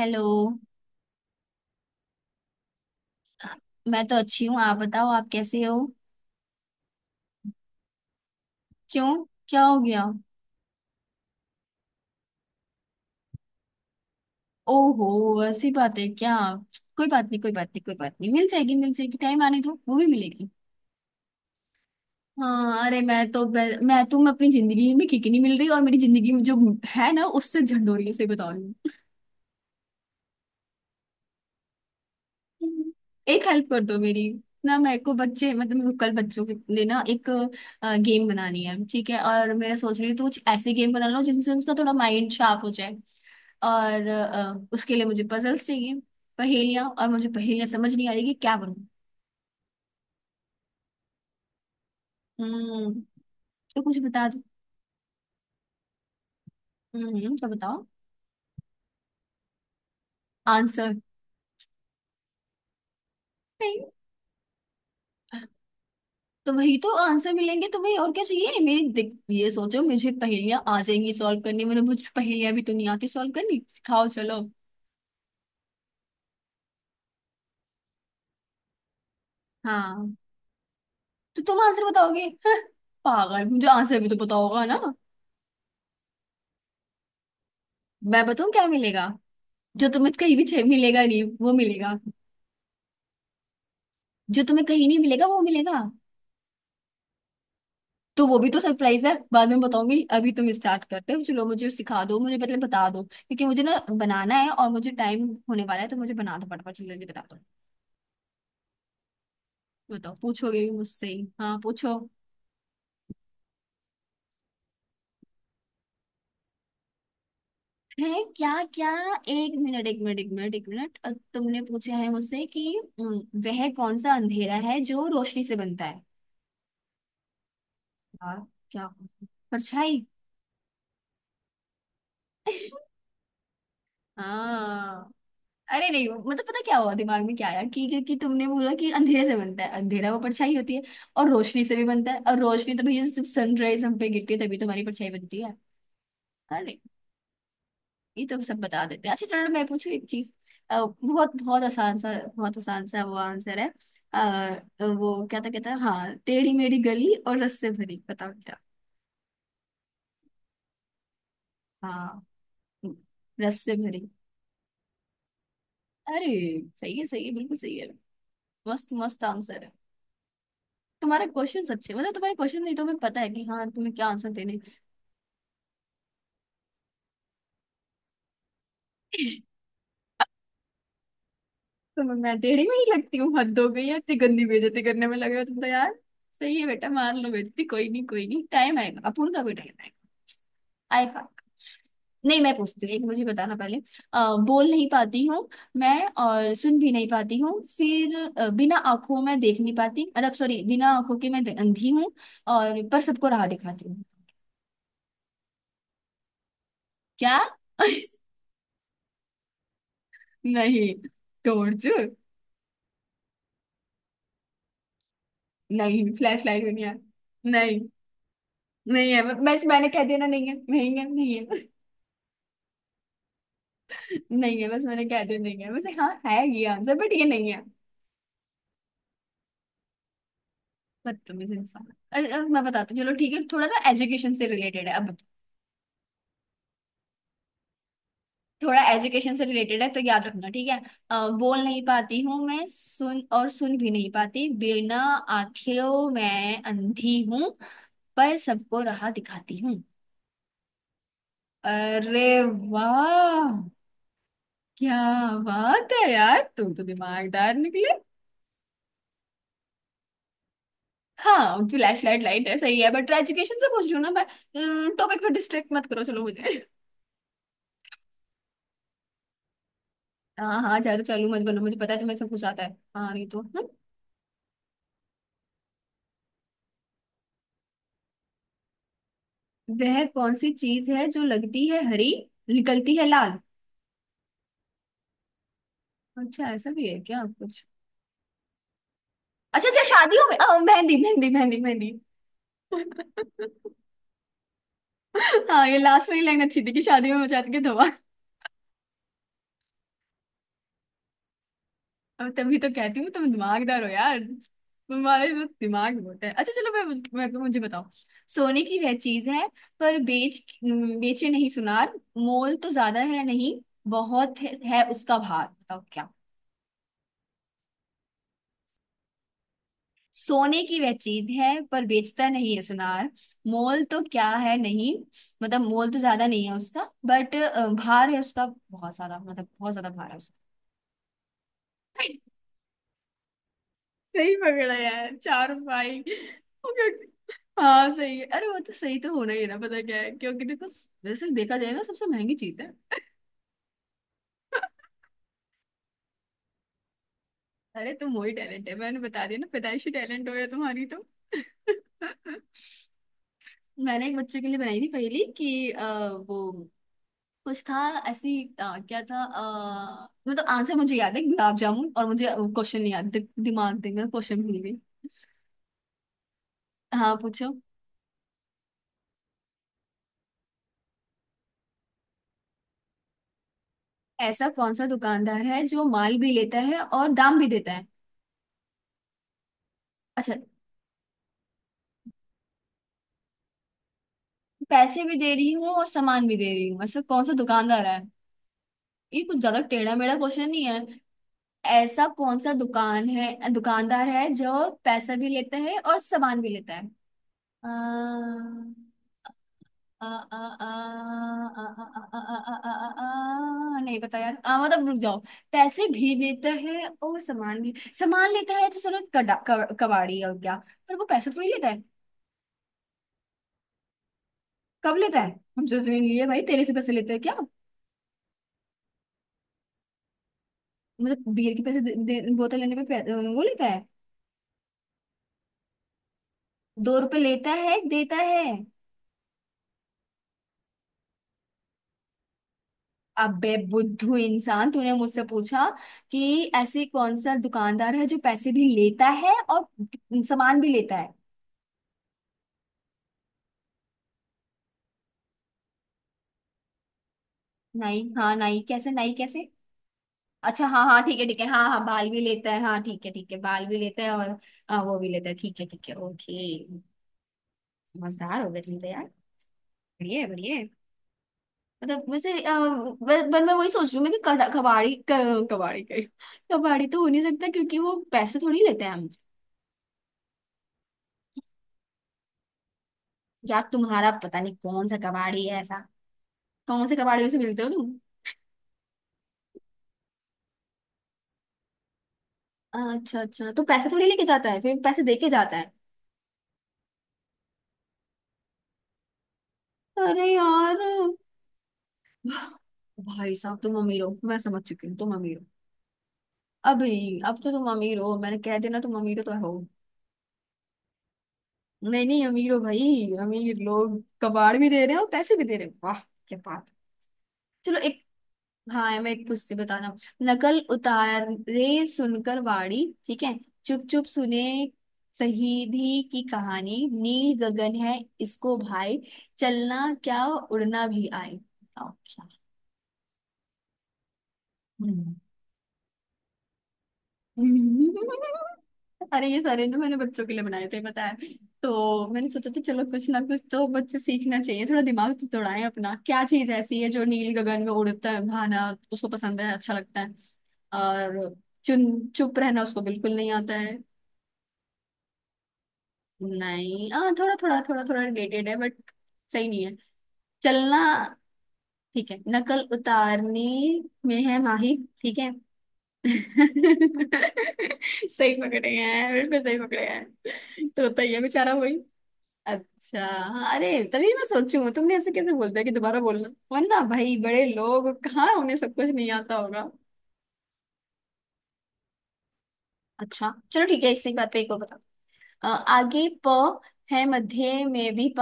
Hello. मैं तो अच्छी हूँ, आप बताओ आप कैसे हो। क्यों, क्या हो गया। ओहो। ऐसी बात है क्या। कोई बात नहीं कोई बात नहीं कोई बात नहीं, मिल जाएगी मिल जाएगी, टाइम आने दो, वो भी मिलेगी। हाँ अरे मैं तो मैं तुम अपनी जिंदगी में किक नहीं मिल रही, और मेरी जिंदगी में जो है ना उससे झंडोरी है, से बता रही हूँ। एक हेल्प कर दो मेरी ना, मेरे को बच्चे मतलब मेरे को कल बच्चों के लिए ना एक गेम बनानी है, ठीक है, और मेरा सोच रही हूँ तो कुछ ऐसे गेम बना लो जिनसे उसका थोड़ा माइंड शार्प हो जाए। और उसके लिए मुझे पजल्स चाहिए, पहेलियां, और मुझे पहेलियां समझ नहीं आ रही कि क्या बनूं। हम्म, तो कुछ बता दो। हम्म, तो बताओ। आंसर। नहीं, तो वही तो आंसर मिलेंगे तो भाई, और क्या चाहिए मेरी ये सोचो, मुझे पहेलियां आ जाएंगी सॉल्व करनी, मैंने मुझे पहेलियां भी तो नहीं आती सॉल्व करनी, सिखाओ चलो। हाँ, तो तुम आंसर बताओगे। हं, पागल, मुझे आंसर भी तो पता होगा ना। मैं बताऊं क्या मिलेगा। जो तुम्हें कहीं भी मिलेगा नहीं वो मिलेगा। जो तुम्हें कहीं नहीं मिलेगा वो मिलेगा। तो वो भी तो सरप्राइज है, बाद में बताऊंगी। अभी तुम स्टार्ट करते हो, चलो मुझे सिखा दो, मुझे मतलब बता दो, क्योंकि मुझे ना बनाना है और मुझे टाइम होने वाला है तो मुझे बना दो फटाफट, जल्दी जल्दी बता दो। बताओ, पूछोगे भी मुझसे ही, हाँ पूछो। है, क्या क्या। एक मिनट एक मिनट एक मिनट एक मिनट, तुमने पूछा है मुझसे कि अम, वह कौन सा अंधेरा है जो रोशनी से बनता है। यार, क्या, परछाई। हाँ। अरे नहीं, मतलब पता क्या हुआ दिमाग में, क्या आया कि क्योंकि तुमने बोला कि अंधेरे से बनता है अंधेरा, वो परछाई होती है, और रोशनी से भी बनता है, और रोशनी तो भैया जब सनराइज हम पे गिरती है तभी तो हमारी परछाई बनती है। अरे, ये तो सब बता देते हैं। अच्छा चलो मैं पूछू एक चीज, बहुत बहुत आसान सा, बहुत आसान सा वो आंसर है। आ, वो क्या था, कहता है हाँ, टेढ़ी मेढ़ी गली और रस से भरी, बताओ क्या। हाँ, रस से भरी। अरे, सही है सही है, बिल्कुल सही है, मस्त मस्त आंसर है। तुम्हारे क्वेश्चंस अच्छे, मतलब तुम्हारे क्वेश्चन नहीं, तो हमें पता है कि हाँ, तुम्हें क्या आंसर देने हैं। तो मैं टेढ़ी में नहीं लगती हूँ, हद हो गई है, इतनी गंदी बेइज्जती करने में लगे हो तुम तो यार। सही है बेटा, मार लो बेइज्जती, कोई नहीं कोई नहीं, टाइम आएगा, अपूर्ण का भी टाइम आएगा। आएगा। नहीं, मैं पूछती हूँ एक, मुझे बताना पहले, बोल नहीं पाती हूँ मैं, और सुन भी नहीं पाती हूँ फिर, बिना आंखों में देख नहीं पाती, मतलब सॉरी, बिना आंखों के मैं अंधी हूँ, और पर सबको राह दिखाती हूँ। क्या नहीं, टोरचू। नहीं, फ्लैश लाइट भी नहीं है। नहीं, नहीं है बस, मैंने कह दिया ना, नहीं है नहीं है नहीं है। नहीं है, बस मैंने कह दिया, नहीं है, वैसे हाँ है ये आंसर बट ये नहीं है। बदतमीज इंसान। अरे, अब मैं बताती हूँ, चलो ठीक है, थोड़ा ना एजुकेशन से रिलेटेड है अब, थोड़ा एजुकेशन से रिलेटेड है तो याद रखना ठीक है। बोल नहीं पाती हूँ मैं सुन, और सुन भी नहीं पाती, बिना आंखों, मैं अंधी हूँ, पर सबको राह दिखाती हूँ। अरे वाह, क्या बात है यार, तुम तो दिमागदार निकले। हाँ फ्लैश लाइट, लाइट है सही है, बट एजुकेशन से पूछ रही हूँ ना मैं, टॉपिक पे डिस्ट्रैक्ट मत करो, चलो मुझे। हाँ हाँ, ज्यादा चालू मत बनो, मुझे पता है तुम्हें सब कुछ आता है, हाँ नहीं तो वह कौन सी चीज है जो लगती है हरी, निकलती है लाल। अच्छा, ऐसा भी है क्या कुछ। अच्छा अच्छा, शादियों में मेहंदी मेहंदी मेहंदी मेहंदी हाँ, ये लास्ट वाली लाइन अच्छी थी कि शादियों में मचाती के धोआ। अब तभी तो कहती हूँ तुम दिमागदार हो यार, तुम्हारे में दिमाग बहुत है। अच्छा चलो मैं मुझे बताओ। सोने की वह चीज है, पर बेचे नहीं सुनार, मोल तो ज्यादा है नहीं, बहुत है उसका भार, बताओ क्या। सोने की वह चीज है पर बेचता नहीं है सुनार। मोल तो क्या है नहीं, मतलब मोल तो ज्यादा नहीं है उसका, बट भार है उसका बहुत ज्यादा, मतलब बहुत ज्यादा भार है उसका। सही पकड़ा यार, चार भाई। ओके। हाँ सही है, अरे वो तो सही तो होना ही है ना, पता क्या है, क्योंकि देखो वैसे देखा जाए ना सबसे महंगी चीज है। अरे तुम वही टैलेंट है, मैंने बता दिया ना, पैदाइशी टैलेंट हो गया तुम्हारी तो। मैंने एक बच्चे के लिए बनाई थी पहली, कि वो कुछ था, ऐसी क्या था, मतलब आंसर मुझे याद है, गुलाब जामुन, और मुझे क्वेश्चन नहीं याद, दिमाग दे मेरा, क्वेश्चन भूल गई। हाँ पूछो। ऐसा कौन सा दुकानदार है जो माल भी लेता है और दाम भी देता है। अच्छा, पैसे भी दे रही हूँ और सामान भी दे रही हूँ, ऐसा कौन सा दुकानदार है, ये कुछ ज्यादा टेढ़ा मेढ़ा क्वेश्चन नहीं है। ऐसा कौन सा दुकानदार है जो पैसा भी लेता है और सामान भी लेता है। आ, आ, आ, आ, आ, आ, आ, नहीं पता यार, मतलब रुक जाओ। पैसे भी लेता है और सामान भी, सामान लेता है, तो चलो, कड़ा कबाड़ी, और क्या, पर वो पैसा थोड़ी लेता है, कब लेता है, हमसे तो नहीं लिए भाई, तेरे से पैसे लेते हैं क्या। मतलब बियर के पैसे दे, दे, बोतल लेने पे वो लेता है। दो रुपए लेता है, देता है। अबे बुद्धू इंसान, तूने मुझसे पूछा कि ऐसी कौन सा दुकानदार है जो पैसे भी लेता है और सामान भी लेता है। नहीं, हाँ, नहीं कैसे, नहीं कैसे। अच्छा हाँ हाँ ठीक है ठीक है, हाँ हाँ बाल भी लेता है, हाँ ठीक है ठीक है, बाल भी लेता है और। हाँ, वो भी लेता है, ठीक है ठीक है ओके। समझदार हो गए तुम तो यार, बढ़िया है, बढ़िया है। मतलब वैसे पर मैं वही सोच रही हूँ मैं कि कबाड़ी कबाड़ी करी। कबाड़ी तो हो नहीं सकता क्योंकि वो पैसे थोड़ी लेते हैं हमसे। यार, तुम्हारा पता नहीं कौन सा कबाड़ी है ऐसा, कौन से कबाड़ियों से मिलते हो तुम। अच्छा अच्छा, तो पैसे थोड़ी लेके जाता है फिर पैसे दे के जाता है। अरे यार। भाई साहब, तुम अमीर हो, मैं समझ चुकी हूँ, तुम अमीर हो, अभी अब तो तुम अमीर हो, मैंने कह देना, तुम अमीर हो तो हो। नहीं नहीं, अमीर हो भाई, अमीर लोग कबाड़ भी दे रहे हैं और पैसे भी दे रहे हैं, वाह क्या बात। चलो एक। हाँ, मैं एक पूछती, बताना। नकल उतारे सुनकर वाणी, ठीक है, चुप चुप सुने, सही भी की कहानी, नील गगन है इसको भाई चलना, क्या उड़ना भी आए, बताओ क्या। अरे, ये सारे ना मैंने बच्चों के लिए बनाए थे, पता है। तो मैंने सोचा था चलो कुछ ना कुछ तो बच्चे सीखना चाहिए, थोड़ा दिमाग तो दौड़ाएं अपना, क्या चीज ऐसी है जो नील गगन में उड़ता है, भाना उसको पसंद है, अच्छा लगता है, और चुन चुप रहना उसको बिल्कुल नहीं आता है। नहीं, हाँ, थोड़ा थोड़ा थोड़ा थोड़ा रिलेटेड है बट सही नहीं है, चलना। ठीक है, नकल उतारने में है माहिर, ठीक है। सही पकड़े हैं, बिल्कुल सही पकड़े हैं, तो होता ही है बेचारा वही। अच्छा, अरे तभी मैं सोचूं तुमने ऐसे कैसे बोल दिया कि दोबारा बोलना, वरना भाई बड़े लोग कहाँ, उन्हें सब कुछ नहीं आता होगा। अच्छा चलो ठीक है, इसी बात पे एक और बताओ, आगे प है, मध्य में भी प,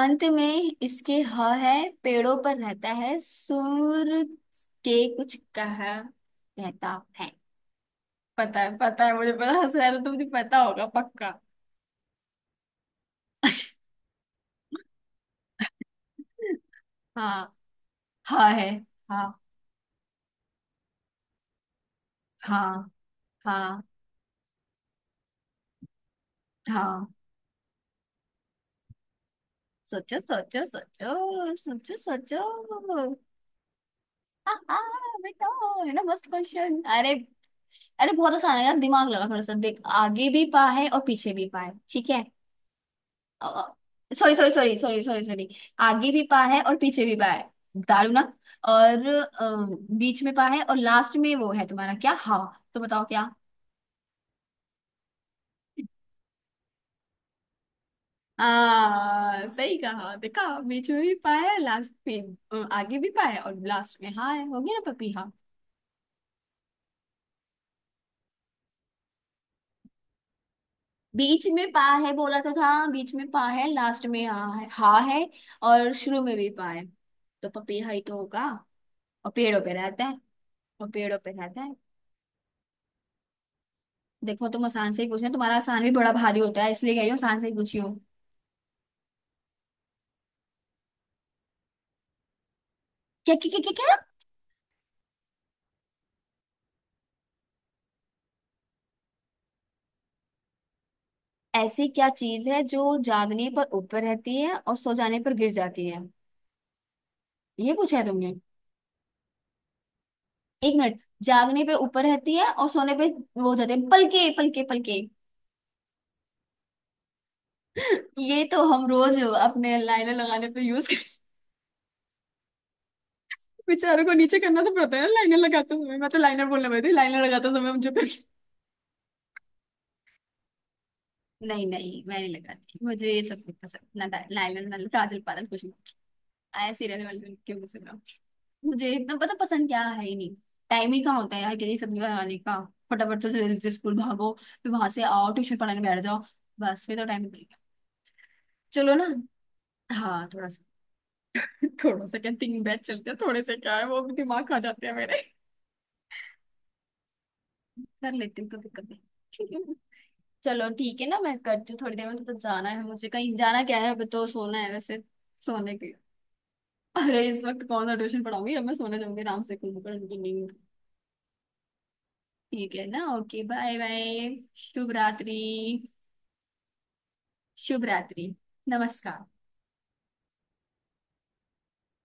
अंत में इसके ह है, पेड़ों पर रहता है, सूर के कुछ कह रहता है। पता है पता है, मुझे पता, हंस रहा है तो तुमने पता होगा पक्का। हाँ हाँ है, हाँ हाँ हाँ हाँ। सोचो सोचो सोचो सोचो सोचो, हाँ हाँ बेटा, है ना मस्त क्वेश्चन। अरे अरे बहुत आसान है यार, दिमाग लगा थोड़ा सा, देख आगे भी पा है और पीछे भी पा है, ठीक है। Sorry sorry sorry sorry sorry sorry, आगे भी पा है और पीछे भी पा है, दारू ना, और बीच में पा है और लास्ट में वो है तुम्हारा क्या, हवा, तो बताओ क्या। हाँ सही कहा देखा, बीच में भी पा है लास्ट पे, आगे भी पा है और लास्ट में हाँ है, हो गया ना पपी हाँ। बीच में पा है बोला तो था, बीच में पा है लास्ट में हा है हा है, और शुरू में भी पा है, तो पपीहा ही तो होगा, और पेड़ों पे रहता है। और पेड़ों पे रहता है। देखो तुम आसान से ही पूछ रहे हो, तुम्हारा आसान भी बड़ा भारी होता है, इसलिए कह रही हूँ आसान से ही पूछी हूँ। क्या क्या क्या क्या क्या, ऐसी क्या चीज है जो जागने पर ऊपर रहती है और सो जाने पर गिर जाती है। ये पूछा है तुमने। एक मिनट, जागने पे ऊपर रहती है और सोने पे, वो हो जाते हैं, पलके पलके पलके। ये तो हम रोज अपने लाइनर लगाने पे यूज करते हैं। बेचारों को नीचे करना तो पड़ता है ना लाइनर लगाते समय, मैं तो लाइनर बोलने वाली थी, लाइनर लगाते समय मुझे फिर। नहीं नहीं, मैं नहीं लगाती, मुझे ये सब नहीं पसंद ना, लाइनर ना काजल पाजल कुछ नहीं आया, सीरियल वाले क्यों पसंद हो। मुझे एकदम पता, पसंद क्या है ही नहीं, टाइम ही कहाँ होता है यार के लिए सब लगाने का, फटाफट तो जल्दी से स्कूल भागो, फिर वहां से आओ ट्यूशन पढ़ाने बैठ जाओ, बस फिर तो टाइम निकल गया। चलो ना, हाँ थोड़ा सा। थोड़ा सा क्या, 3 बैच चलते हैं, थोड़े से क्या है वो भी दिमाग खा जाते हैं मेरे। कर लेती हूँ कभी कभी, चलो ठीक है ना, मैं करती हूँ थोड़ी देर में, तो बस जाना है मुझे, कहीं जाना क्या है, अब तो सोना है वैसे, सोने के। अरे इस वक्त कौन सा ट्यूशन पढ़ाऊंगी, अब मैं सोने जाऊंगी, आराम से कुछ पढ़ूंगी नहीं, ठीक है ना, ओके बाय बाय, शुभ रात्रि, शुभ रात्रि, नमस्कार।